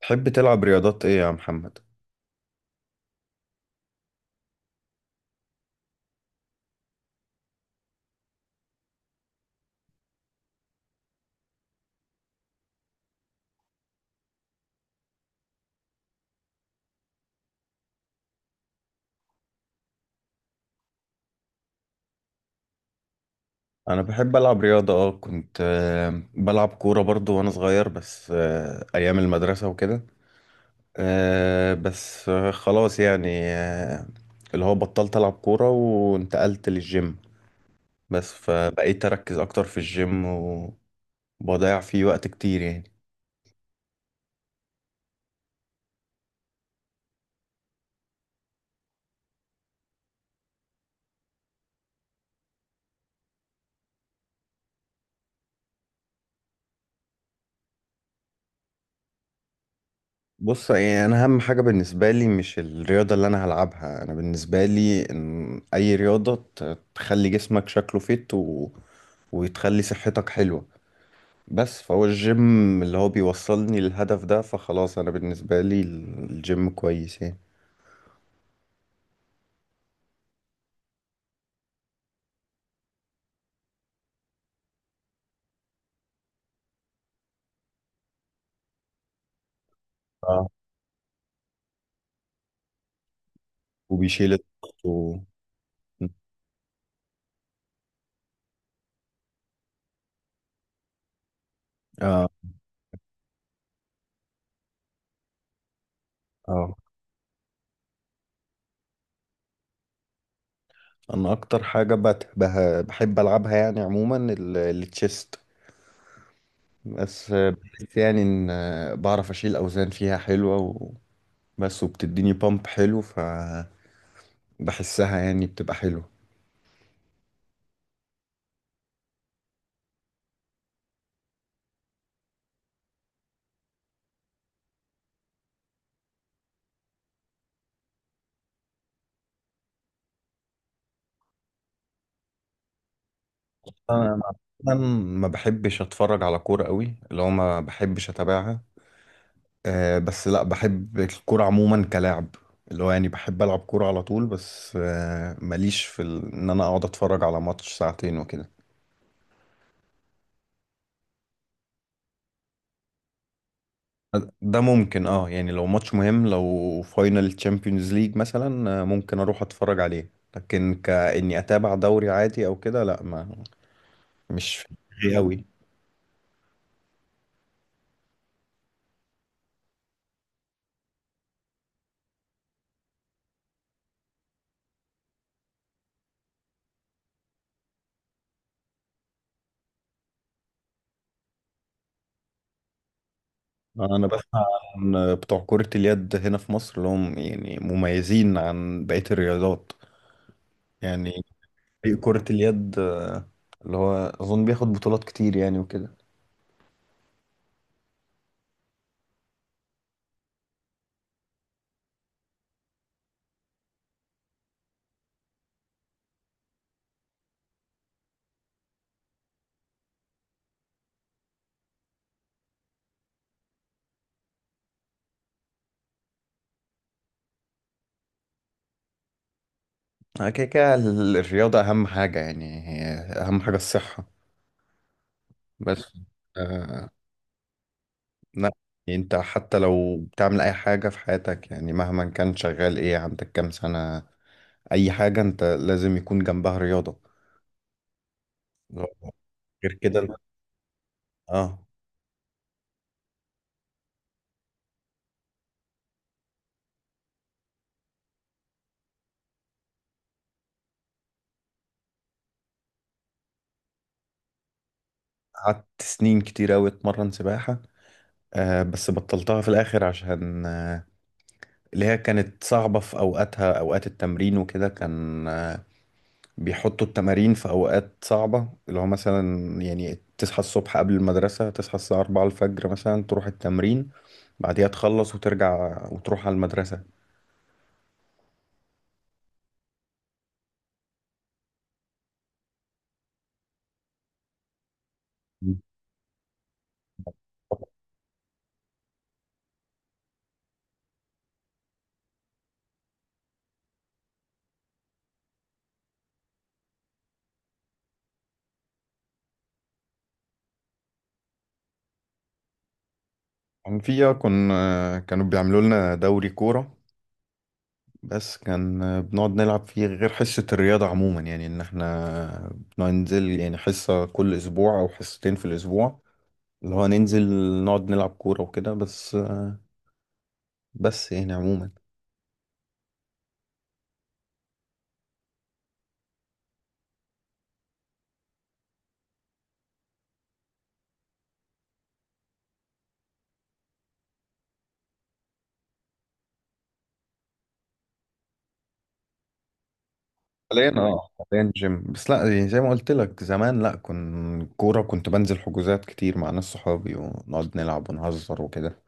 تحب تلعب رياضات ايه يا محمد؟ انا بحب العب رياضة كنت بلعب كورة برضو وانا صغير بس ايام المدرسة وكده. آه، بس آه، خلاص يعني آه، اللي هو بطلت العب كورة وانتقلت للجيم. بس فبقيت اركز اكتر في الجيم وبضيع فيه وقت كتير يعني. بص، يعني انا اهم حاجه بالنسبه لي مش الرياضه اللي انا هلعبها، انا بالنسبه لي ان اي رياضه تخلي جسمك شكله فيت وتخلي صحتك حلوه. بس فهو الجيم اللي هو بيوصلني للهدف ده، فخلاص انا بالنسبه لي الجيم كويس يعني. اه، وبيشيل الضغط و... اه اه انا اكتر حاجه بحب العبها يعني عموما التشيست. بس بحس يعني ان بعرف اشيل اوزان فيها حلوه. بس وبتديني بامب حلو فبحسها، يعني بتبقى حلو. انا أنا ما بحبش اتفرج على كورة قوي، اللي هو ما بحبش اتابعها. أه، بس لا بحب الكورة عموما كلاعب، اللي هو يعني بحب العب كورة على طول. بس أه ماليش في ان انا اقعد اتفرج على ماتش ساعتين وكده. ده ممكن، اه يعني لو ماتش مهم، لو فاينل تشامبيونز ليج مثلا، ممكن اروح اتفرج عليه. لكن كاني اتابع دوري عادي او كده لا، ما مش في دماغي قوي. انا بسمع عن بتوع كرة اليد هنا في مصر، اللي هم يعني مميزين عن بقية الرياضات يعني. فريق كرة اليد اللي هو اظن بياخد بطولات كتير يعني وكده. الرياضة اهم حاجة يعني، هي اهم حاجة الصحة بس. آه لا، يعني انت حتى لو بتعمل اي حاجة في حياتك، يعني مهما كان شغال ايه، عندك كام سنة، اي حاجة، انت لازم يكون جنبها رياضة. لو- غير كده انت- اه قعدت سنين كتير أوي أتمرن سباحة. بس بطلتها في الآخر عشان اللي هي كانت صعبة في أوقاتها، أوقات التمرين وكده كان، بيحطوا التمارين في أوقات صعبة، اللي هو مثلا يعني تصحى الصبح قبل المدرسة، تصحى الساعة 4 الفجر مثلا تروح التمرين، بعديها تخلص وترجع وتروح على المدرسة. مم. كان فيها، كنا كانوا بيعملوا لنا دوري كورة. بس كان، بنقعد نلعب فيه غير حصة الرياضة عموما، يعني إن إحنا بننزل يعني حصة كل أسبوع أو حصتين في الأسبوع، اللي هو ننزل نقعد نلعب كورة وكده. بس آه، بس يعني عموما حاليا اه، حاليا جيم بس. لا يعني زي ما قلت لك زمان، لا كن كورة كنت بنزل حجوزات كتير مع ناس صحابي ونقعد نلعب ونهزر وكده.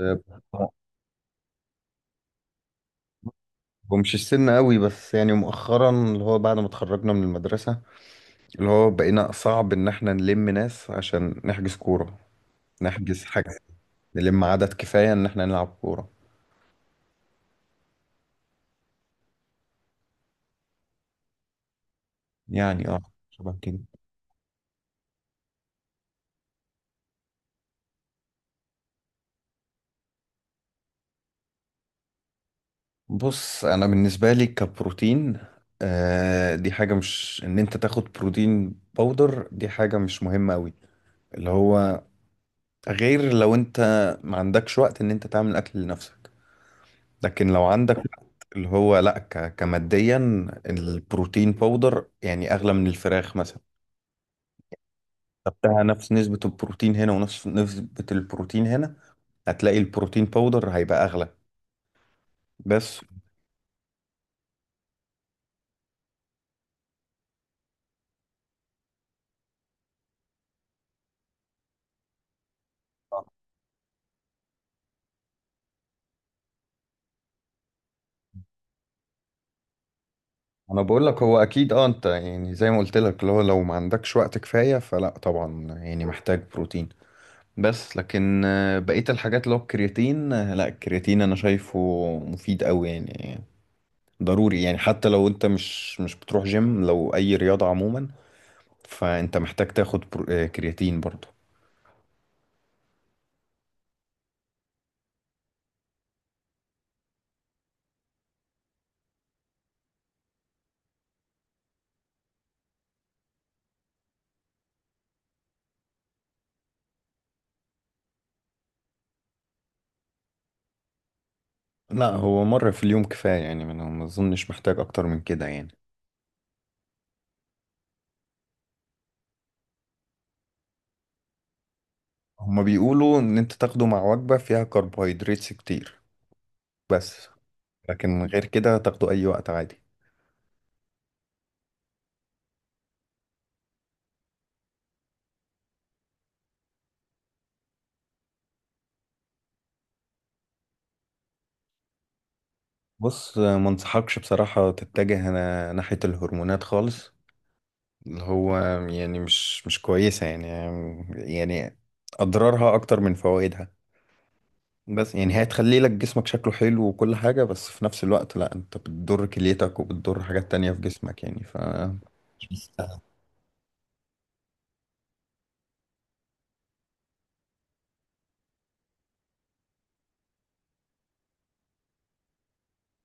آه، ومش السن قوي، بس يعني مؤخرا اللي هو بعد ما اتخرجنا من المدرسة، اللي هو بقينا صعب ان احنا نلم ناس عشان نحجز كورة، نحجز حاجة، نلم عدد كفاية ان احنا نلعب كورة. يعني اه، شبه كده. بص، انا بالنسبه لي كبروتين، دي حاجه، مش ان انت تاخد بروتين باودر دي حاجه مش مهمه قوي، اللي هو غير لو انت ما عندكش وقت ان انت تعمل اكل لنفسك. لكن لو عندك وقت اللي هو، لا ك كماديا البروتين باودر يعني اغلى من الفراخ مثلا. خدتها نفس نسبه البروتين هنا ونفس نسبه البروتين هنا، هتلاقي البروتين باودر هيبقى اغلى. بس انا بقول لك هو اكيد اه، انت يعني زي ما قلت لك لو ما عندكش وقت كفايه فلا، طبعا يعني محتاج بروتين. بس لكن بقيه الحاجات اللي هو الكرياتين، لا الكرياتين انا شايفه مفيد قوي يعني، ضروري يعني. حتى لو انت مش بتروح جيم، لو اي رياضه عموما فانت محتاج تاخد كرياتين برضه. لا، هو مره في اليوم كفايه يعني، ما اظنش محتاج اكتر من كده يعني. هما بيقولوا ان انت تاخده مع وجبه فيها كربوهيدرات كتير. بس لكن غير كده تاخده أي وقت عادي. بص، ما انصحكش بصراحة تتجه أنا ناحية الهرمونات خالص، اللي هو يعني مش كويسة يعني. يعني أضرارها أكتر من فوائدها. بس يعني هي هتخلي لك جسمك شكله حلو وكل حاجة، بس في نفس الوقت لا، أنت بتضر كليتك وبتضر حاجات تانية في جسمك يعني، ف مش مستاهل.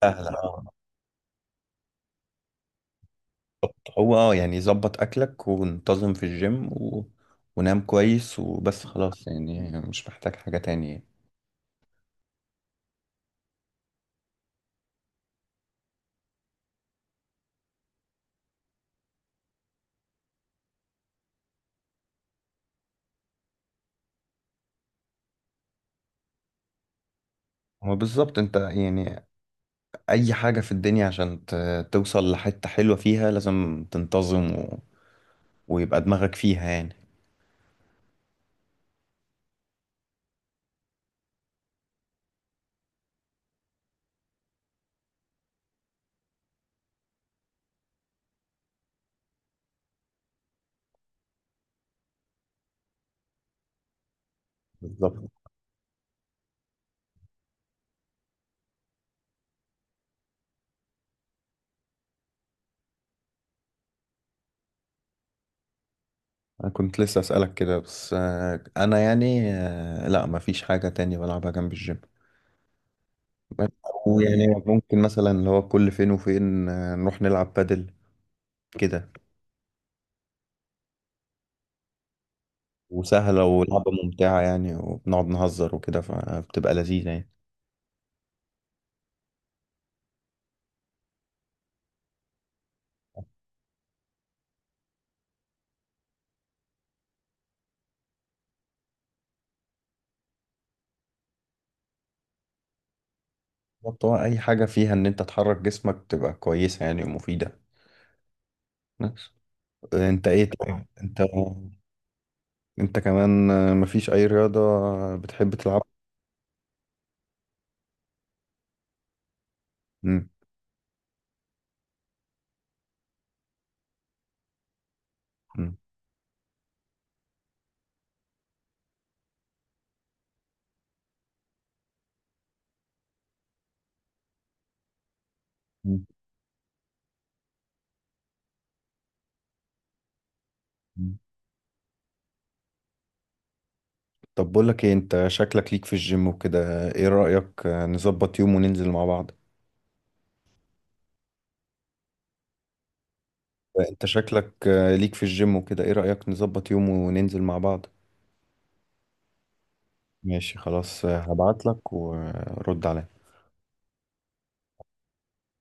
سهل اه. بالظبط. هو اه يعني ظبط أكلك وانتظم في الجيم ونام كويس وبس خلاص، يعني مش محتاج حاجة تانية. هو بالظبط انت يعني اي حاجة في الدنيا عشان توصل لحتة حلوة فيها لازم تنتظم ويبقى دماغك فيها يعني. بالظبط. انا كنت لسه اسألك كده، بس آه، انا يعني آه، لا مفيش حاجة تانية بلعبها جنب الجيم. بس- ويعني ممكن مثلا اللي هو كل فين وفين، نروح نلعب بادل كده. وسهلة، ولعبة ممتعة يعني، وبنقعد نهزر وكده فبتبقى لذيذة يعني. بالظبط، هو اي حاجة فيها ان انت تحرك جسمك تبقى كويسة يعني ومفيدة. انت ايه طيب انت انت كمان مفيش اي رياضة بتحب تلعبها؟ مم. مم. مم. طب بقول لك ايه، انت شكلك ليك في الجيم وكده ايه رأيك آه، نظبط يوم وننزل مع بعض انت شكلك ليك في الجيم وكده، ايه رأيك نظبط يوم وننزل مع بعض؟ ماشي خلاص، هبعت لك ورد عليا.